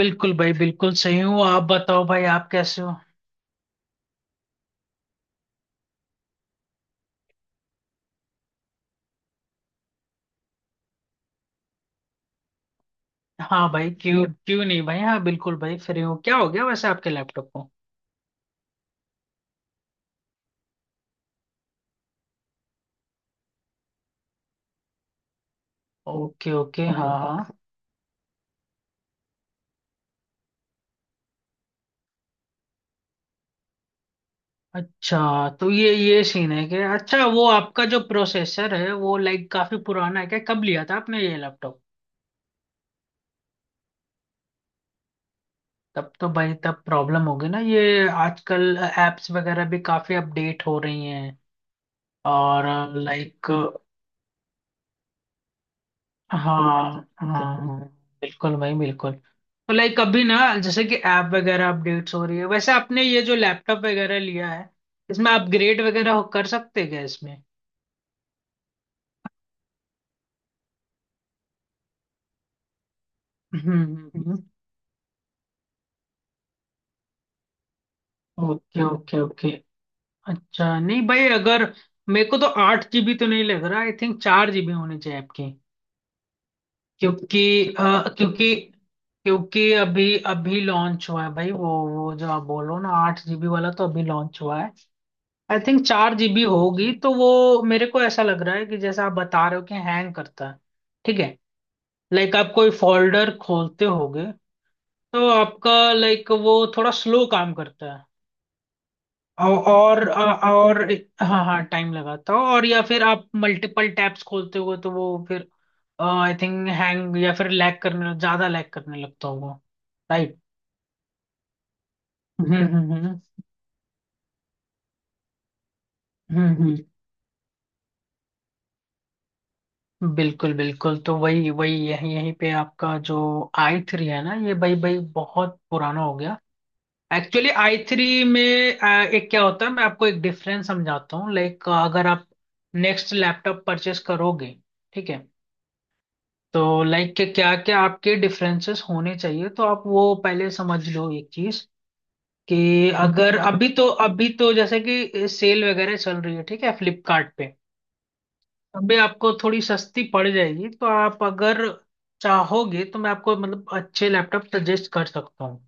बिल्कुल भाई बिल्कुल सही हूँ। आप बताओ भाई, आप कैसे हो? हाँ भाई, क्यों क्यों नहीं भाई, हाँ बिल्कुल भाई, फ्री हूँ। क्या हो गया वैसे आपके लैपटॉप को? ओके ओके, हाँ हाँ। अच्छा, तो ये सीन है क्या? अच्छा, वो आपका जो प्रोसेसर है वो लाइक काफी पुराना है क्या? कब लिया था आपने ये लैपटॉप? तब तो भाई तब प्रॉब्लम होगी ना, ये आजकल एप्स वगैरह भी काफी अपडेट हो रही हैं। और लाइक, हाँ हाँ हाँ, बिल्कुल भाई बिल्कुल। तो लाइक कभी ना, जैसे कि ऐप वगैरह अपडेट्स हो रही है, वैसे आपने ये जो लैपटॉप वगैरह लिया है, इसमें अपग्रेड वगैरह हो कर सकते हैं क्या इसमें? हम्म। Okay okay okay. अच्छा नहीं भाई, अगर मेरे को तो आठ जीबी तो नहीं लग रहा, आई थिंक 4 जीबी होनी चाहिए आपकी। क्योंकि अ, क्योंकि क्योंकि अभी अभी लॉन्च हुआ है भाई, वो जो आप बोल रहे हो ना 8 जीबी वाला, तो अभी लॉन्च हुआ है। आई थिंक चार जीबी होगी तो वो। मेरे को ऐसा लग रहा है कि जैसा आप बता रहे हो कि हैंग करता है। ठीक है, लाइक आप कोई फोल्डर खोलते होगे तो आपका लाइक वो थोड़ा स्लो काम करता है। औ- और हाँ हाँ, टाइम लगाता हो, और या फिर आप मल्टीपल टैब्स खोलते हो तो वो फिर आई थिंक हैंग या फिर लैग करने लगता होगा। राइट। हम्म हम्म हम्म हम्म। बिल्कुल बिल्कुल, तो वही वही यही यहीं पे आपका जो i3 है ना, ये भाई भाई बहुत पुराना हो गया। एक्चुअली i3 में एक क्या होता है, मैं आपको एक डिफरेंस समझाता हूँ। लाइक अगर आप नेक्स्ट लैपटॉप परचेस करोगे, ठीक है, तो लाइक के क्या क्या आपके डिफरेंसेस होने चाहिए, तो आप वो पहले समझ लो एक चीज। कि अगर अभी तो अभी तो जैसे कि सेल वगैरह चल रही है, ठीक है, फ्लिपकार्ट पे अभी आपको थोड़ी सस्ती पड़ जाएगी। तो आप अगर चाहोगे तो मैं आपको मतलब अच्छे लैपटॉप सजेस्ट कर सकता हूँ।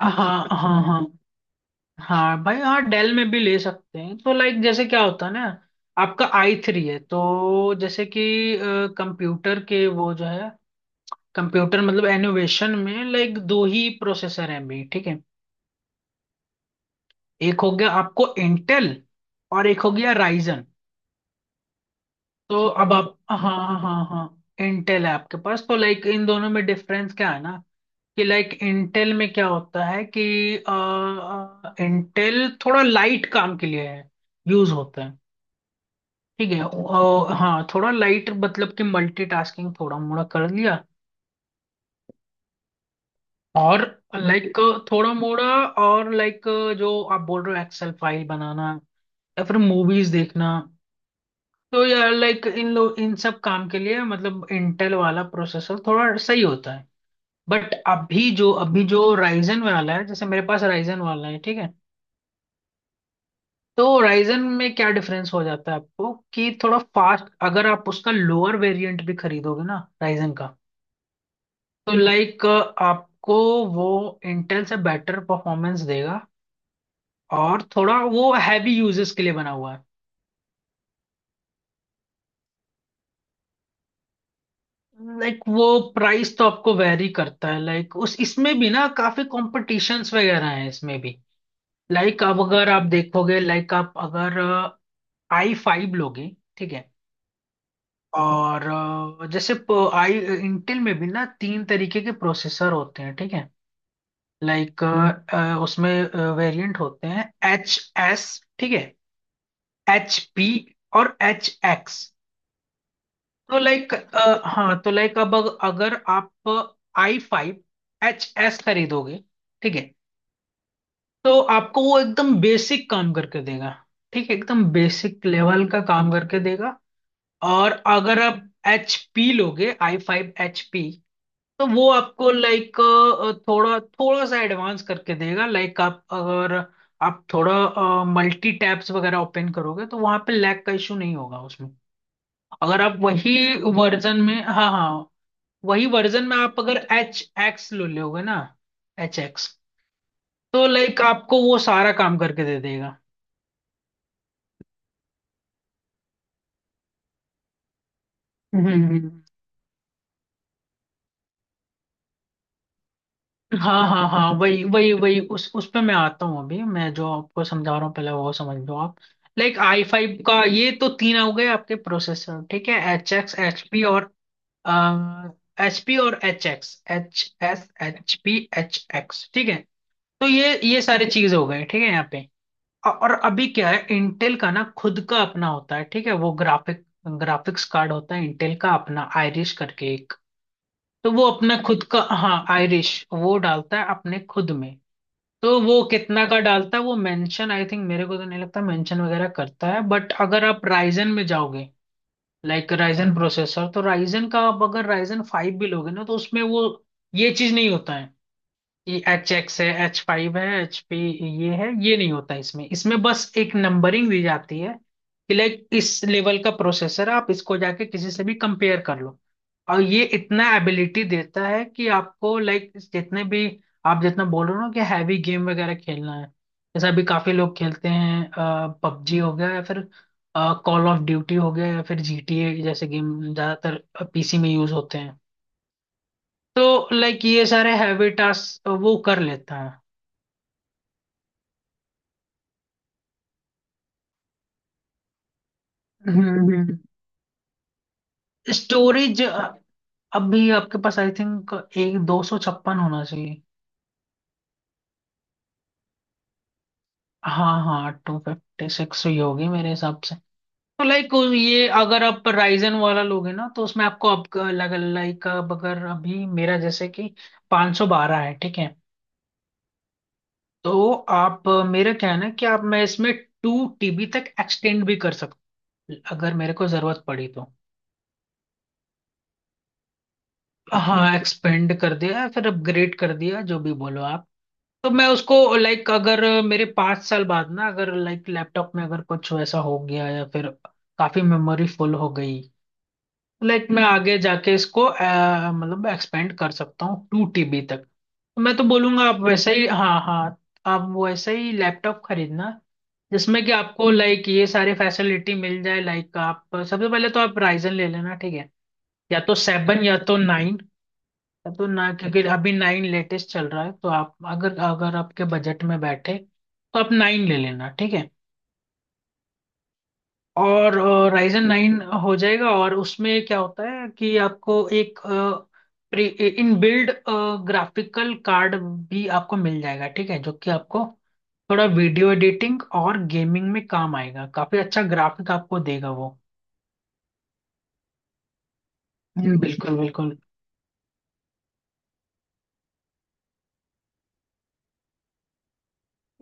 हाँ हाँ हाँ, हाँ भाई हाँ, डेल में भी ले सकते हैं। तो लाइक जैसे क्या होता है ना, आपका i3 है, तो जैसे कि कंप्यूटर के वो जो है, कंप्यूटर मतलब एनोवेशन में लाइक दो ही प्रोसेसर हैं अभी, ठीक है। एक हो गया आपको इंटेल, और एक हो गया राइजन। तो अब आप, हाँ हाँ हाँ, इंटेल है आपके पास, तो लाइक इन दोनों में डिफरेंस क्या है ना, कि लाइक इंटेल में क्या होता है कि इंटेल थोड़ा लाइट काम के लिए है, यूज होता है। ठीक है, हाँ थोड़ा लाइट मतलब कि मल्टीटास्किंग थोड़ा मोड़ा कर लिया, और लाइक थोड़ा मोड़ा, और लाइक जो आप बोल रहे हो एक्सेल फाइल बनाना या फिर मूवीज देखना, तो यार लाइक इन लोग इन सब काम के लिए मतलब इंटेल वाला प्रोसेसर थोड़ा सही होता है। बट अभी जो राइजन वाला है, जैसे मेरे पास राइजन वाला है, ठीक है, तो राइजन में क्या डिफरेंस हो जाता है आपको, कि थोड़ा फास्ट, अगर आप उसका लोअर वेरिएंट भी खरीदोगे ना राइजन का, तो लाइक आपको वो इंटेल से बेटर परफॉर्मेंस देगा और थोड़ा वो हैवी यूजर्स के लिए बना हुआ है। लाइक वो प्राइस तो आपको वेरी करता है, लाइक उस इसमें भी ना काफी कॉम्पिटिशन्स वगैरह हैं इसमें भी। लाइक अब अगर आप देखोगे, लाइक आप अगर i5 लोगे, ठीक है, और जैसे प- आई इंटेल में भी ना तीन तरीके के प्रोसेसर होते हैं, ठीक है। लाइक हम्म, उसमें वेरिएंट होते हैं, एच एस, ठीक है, एच पी, और एच एक्स। तो लाइक, हाँ तो लाइक अब अगर आप i5 एच एस खरीदोगे, ठीक है, तो आपको वो एकदम बेसिक काम करके देगा, ठीक है, एकदम बेसिक लेवल का काम करके देगा। और अगर आप एच पी लोगे, i5 एच पी, तो वो आपको लाइक थोड़ा थोड़ा सा एडवांस करके देगा। लाइक आप अगर आप थोड़ा मल्टी टैब्स वगैरह ओपन करोगे तो वहां पे लैग का इशू नहीं होगा उसमें। अगर आप वही वर्जन में, हाँ हाँ, वही वर्जन में आप अगर एच एक्स ले लोगे ना, एच एक्स, तो लाइक आपको वो सारा काम करके दे देगा। हम्म, हाँ हाँ हाँ वही वही वही उस पे मैं आता हूँ, अभी मैं जो आपको समझा रहा हूँ पहले वो समझ लो आप। लाइक i5 का ये तो तीन हो गए आपके प्रोसेसर, ठीक है, एच एक्स, एच पी, और एच पी और H X, H S H P H X, ठीक है। तो ये सारी चीज हो गए, ठीक है। यहाँ पे और अभी क्या है, इंटेल का ना खुद का अपना होता है, ठीक है, वो ग्राफिक्स कार्ड होता है, इंटेल का अपना आयरिश करके एक। तो वो अपना खुद का, हाँ आयरिश वो डालता है अपने खुद में। तो वो कितना का डालता है वो मेंशन, आई थिंक मेरे को तो नहीं लगता मेंशन वगैरह करता है। बट अगर आप राइजन में जाओगे, लाइक राइजन प्रोसेसर, तो राइजन का आप अगर Ryzen 5 भी लोगे ना, तो उसमें वो ये चीज नहीं होता है। एच एक्स है, H5 है, एच पी, ये है ये नहीं होता इसमें, इसमें बस एक नंबरिंग दी जाती है कि लाइक इस लेवल का प्रोसेसर है, आप इसको जाके किसी से भी कंपेयर कर लो। और ये इतना एबिलिटी देता है कि आपको लाइक जितने भी, आप जितना बोल रहे हो ना कि हैवी गेम वगैरह खेलना है, जैसे अभी काफी लोग खेलते हैं, पबजी हो गया, या फिर कॉल ऑफ ड्यूटी हो गया, या फिर जीटीए, जैसे गेम ज्यादातर पीसी में यूज होते हैं, तो लाइक ये सारे हैवी टास्क वो कर लेता है। हम्म, स्टोरेज अभी आपके पास आई थिंक एक 256 जीबी होना चाहिए। हाँ हाँ, 256 जीबी ही होगी मेरे हिसाब से। तो लाइक ये अगर आप राइजन वाला लोगे ना, तो उसमें आपको अब लाइक, अब अगर अभी मेरा जैसे कि 512 है, ठीक है, तो आप, मेरा क्या है ना कि आप मैं इसमें 2 टीबी तक एक्सटेंड भी कर सकता हूँ अगर मेरे को जरूरत पड़ी तो। हाँ एक्सपेंड कर दिया, या फिर अपग्रेड कर दिया, जो भी बोलो आप। तो मैं उसको लाइक अगर मेरे 5 साल बाद ना, अगर लाइक लैपटॉप में अगर कुछ वैसा हो गया, या फिर काफी मेमोरी फुल हो गई, लाइक मैं आगे जाके इसको मतलब एक्सपेंड कर सकता हूँ 2 टीबी तक, तो मैं तो बोलूंगा आप वैसा ही, हाँ हाँ, आप वैसा ही लैपटॉप खरीदना जिसमें कि आपको लाइक ये सारी फैसिलिटी मिल जाए। लाइक आप सबसे पहले तो आप राइजन ले लेना, ठीक है, या तो सेवन या तो नाइन। तब तो ना क्योंकि अभी नाइन लेटेस्ट चल रहा है, तो आप अगर अगर आपके बजट में बैठे तो आप नाइन ले लेना, ठीक है। और राइजन नाइन हो जाएगा, और उसमें क्या होता है कि आपको एक pre in build graphical card भी आपको मिल जाएगा, ठीक है, जो कि आपको थोड़ा वीडियो एडिटिंग और गेमिंग में काम आएगा, काफी अच्छा ग्राफिक आपको देगा वो। बिल्कुल बिल्कुल।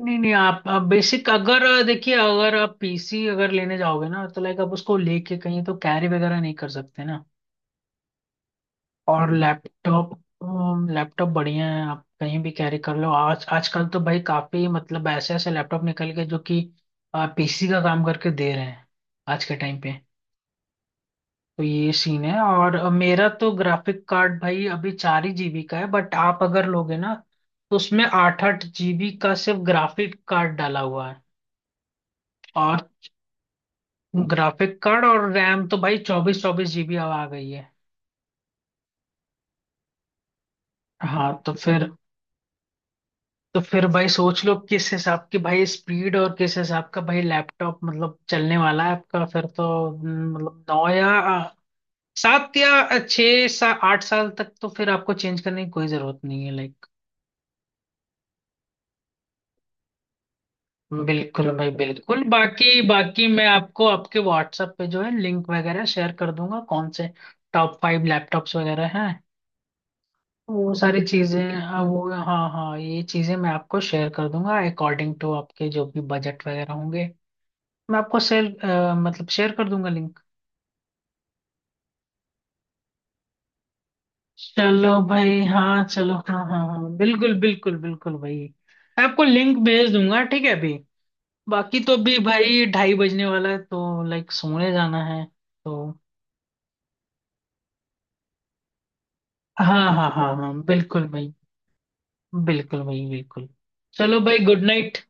नहीं नहीं, आप बेसिक अगर, देखिए अगर आप पीसी अगर लेने जाओगे ना, तो लाइक आप उसको लेके कहीं तो कैरी वगैरह नहीं कर सकते ना। और हम्म, लैपटॉप, लैपटॉप बढ़िया है, आप कहीं भी कैरी कर लो। आज आजकल तो भाई काफी मतलब ऐसे ऐसे लैपटॉप निकल गए जो कि पीसी का काम करके दे रहे हैं आज के टाइम पे। तो ये सीन है। और मेरा तो ग्राफिक कार्ड भाई अभी 4 ही जीबी का है, बट आप अगर लोगे ना तो उसमें 8 8 जीबी का सिर्फ ग्राफिक कार्ड डाला हुआ है। और ग्राफिक कार्ड, और रैम तो भाई 24 24 जीबी अब आ गई है। हाँ तो फिर, तो फिर भाई सोच लो किस हिसाब की भाई स्पीड, और किस हिसाब का भाई लैपटॉप मतलब चलने वाला है आपका फिर तो। मतलब 9 या 7 या छः सा 8 साल तक तो फिर आपको चेंज करने की कोई जरूरत नहीं है लाइक। बिल्कुल भाई बिल्कुल। बाकी बाकी मैं आपको आपके व्हाट्सएप पे जो है लिंक वगैरह शेयर कर दूंगा, कौन से टॉप 5 लैपटॉप्स वगैरह हैं, वो सारी चीजें, हाँ वो, हाँ हाँ ये चीजें मैं आपको शेयर कर दूंगा, अकॉर्डिंग टू आपके जो भी बजट वगैरह होंगे, मैं आपको शेयर मतलब शेयर कर दूंगा लिंक। चलो भाई, हाँ चलो, हाँ हाँ हाँ बिल्कुल बिल्कुल बिल्कुल भाई। मैं आपको लिंक भेज दूंगा, ठीक है, अभी। बाकी तो अभी भाई ढाई बजने वाला है, तो लाइक सोने जाना है, तो हाँ हाँ हाँ हाँ बिल्कुल भाई, बिल्कुल भाई बिल्कुल। चलो भाई, गुड नाइट।